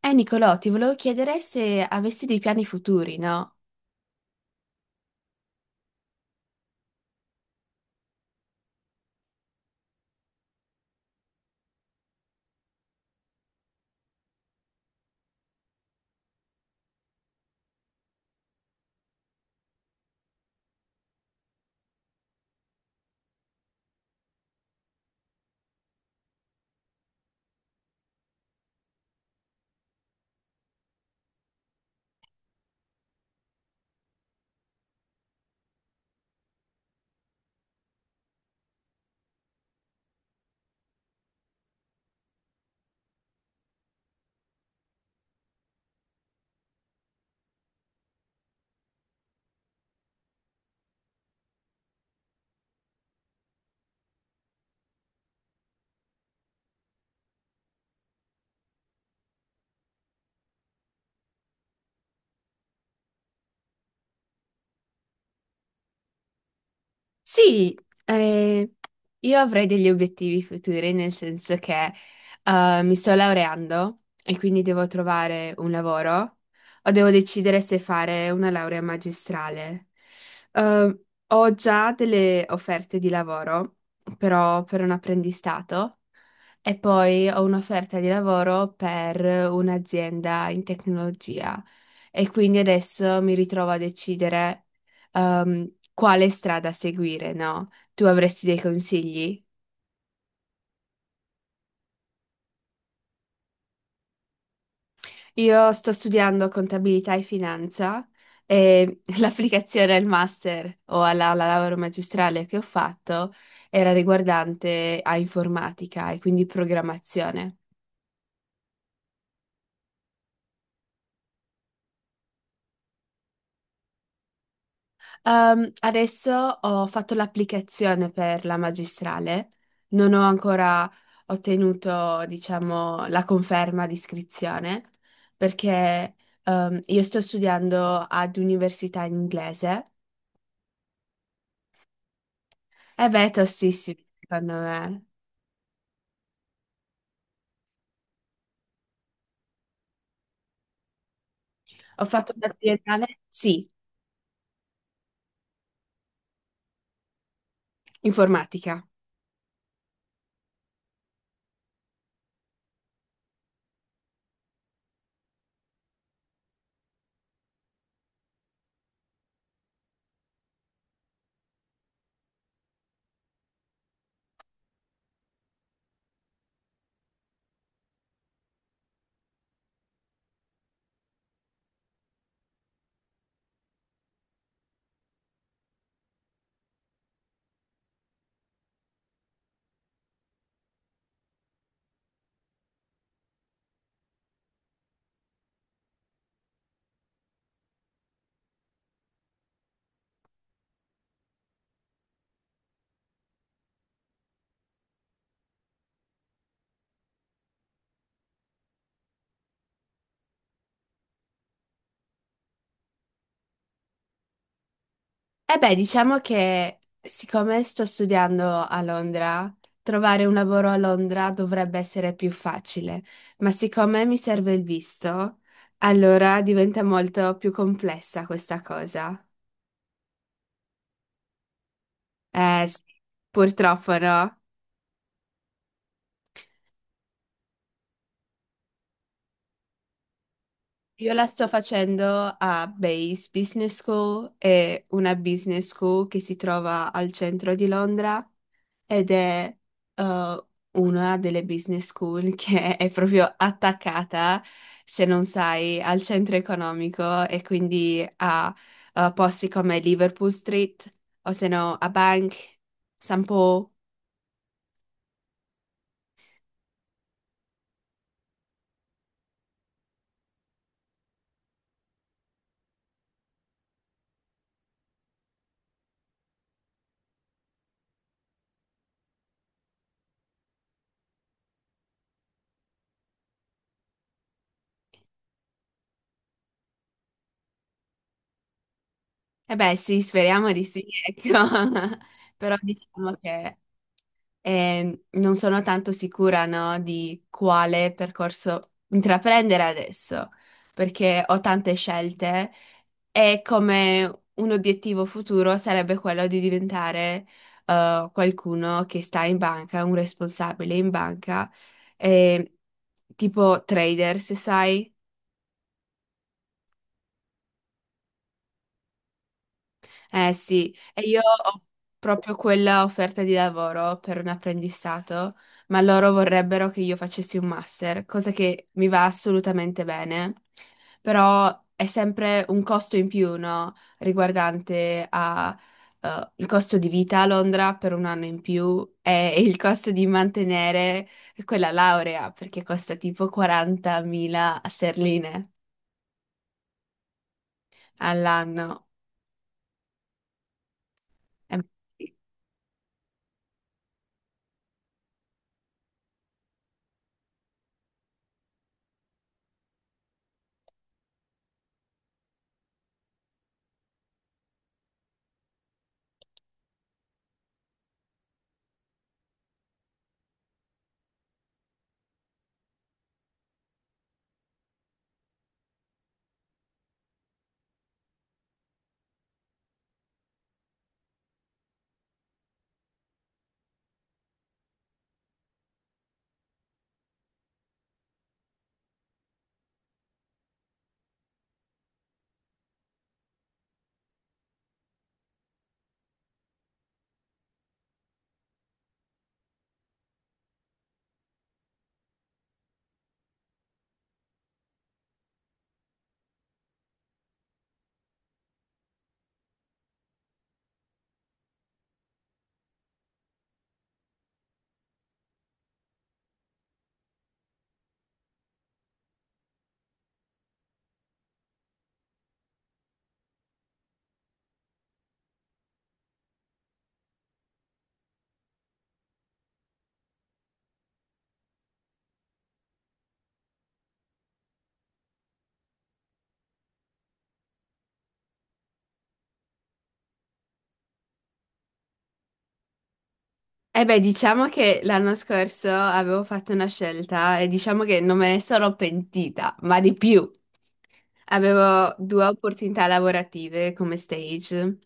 Nicolò, ti volevo chiedere se avessi dei piani futuri, no? Sì, eh, Io avrei degli obiettivi futuri, nel senso che mi sto laureando e quindi devo trovare un lavoro o devo decidere se fare una laurea magistrale. Eh, ho già delle offerte di lavoro, però per un apprendistato. E poi ho un'offerta di lavoro per un'azienda in tecnologia e quindi adesso mi ritrovo a decidere quale strada seguire, no? Tu avresti dei consigli? Io sto studiando contabilità e finanza e l'applicazione al master o alla laurea magistrale che ho fatto era riguardante a informatica e quindi programmazione. Adesso ho fatto l'applicazione per la magistrale, non ho ancora ottenuto, diciamo, la conferma di iscrizione perché io sto studiando ad università in inglese. E beh, è tostissimo, secondo me. Ho fatto una triennale, sì, informatica. Eh beh, diciamo che siccome sto studiando a Londra, trovare un lavoro a Londra dovrebbe essere più facile, ma siccome mi serve il visto, allora diventa molto più complessa questa cosa. Eh sì, purtroppo no. Io la sto facendo a Base Business School, è una business school che si trova al centro di Londra. Ed è eh, una delle business school che è proprio attaccata, se non sai, al centro economico e quindi a posti come Liverpool Street o se no a Bank, San Po. E beh, sì, speriamo di sì, ecco. Però diciamo che non sono tanto sicura, no, di quale percorso intraprendere adesso, perché ho tante scelte. E come un obiettivo futuro sarebbe quello di diventare qualcuno che sta in banca, un responsabile in banca, eh, tipo trader, se sai. Eh sì, e io ho proprio quella offerta di lavoro per un apprendistato, ma loro vorrebbero che io facessi un master, cosa che mi va assolutamente bene, però è sempre un costo in più, no? Riguardante a, il costo di vita a Londra per un anno in più e il costo di mantenere quella laurea, perché costa tipo 40.000 sterline all'anno. Eh, Eh beh, diciamo che l'anno scorso avevo fatto una scelta e diciamo che non me ne sono pentita, ma di più. Avevo due opportunità lavorative come stage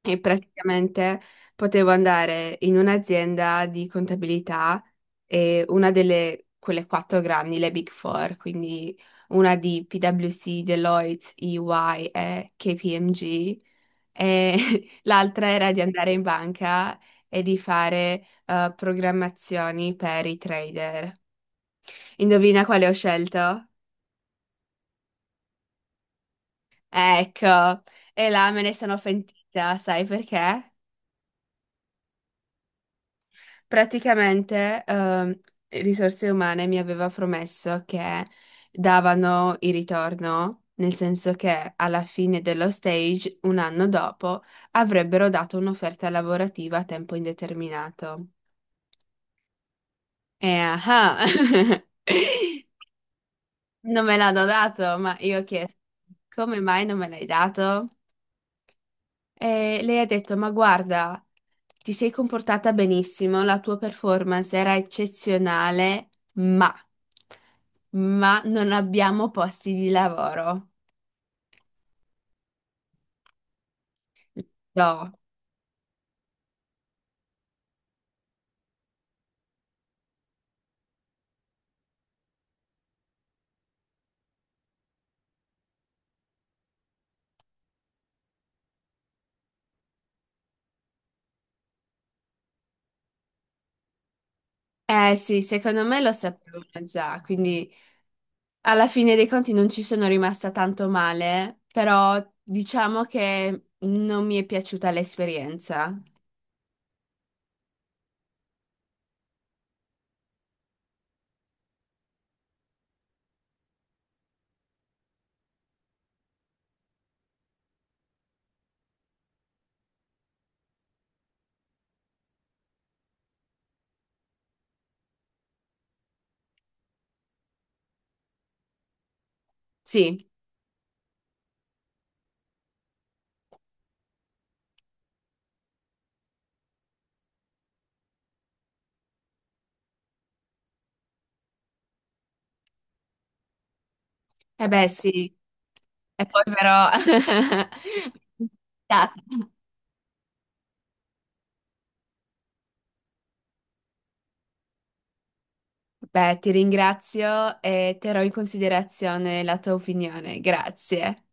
e praticamente potevo andare in un'azienda di contabilità e una delle quelle quattro grandi, le Big Four, quindi una di PwC, Deloitte, EY e KPMG. E l'altra era di andare in banca e di fare programmazioni per i trader. Indovina quale ho scelto? Ecco, e là me ne sono pentita, sai perché? Praticamente Risorse Umane mi aveva promesso che davano il ritorno, nel senso che alla fine dello stage, un anno dopo, avrebbero dato un'offerta lavorativa a tempo indeterminato. Eh, ah, non me l'hanno dato, ma io ho chiesto, come mai non me l'hai dato? E lei ha detto: Ma guarda, ti sei comportata benissimo, la tua performance era eccezionale, ma non abbiamo posti di lavoro. No. Eh sì, secondo me lo sapevano già, quindi. Alla fine dei conti non ci sono rimasta tanto male, però diciamo che non mi è piaciuta l'esperienza. Sì, e beh sì, e poi però... Data. Beh, ti ringrazio e terrò in considerazione la tua opinione, grazie.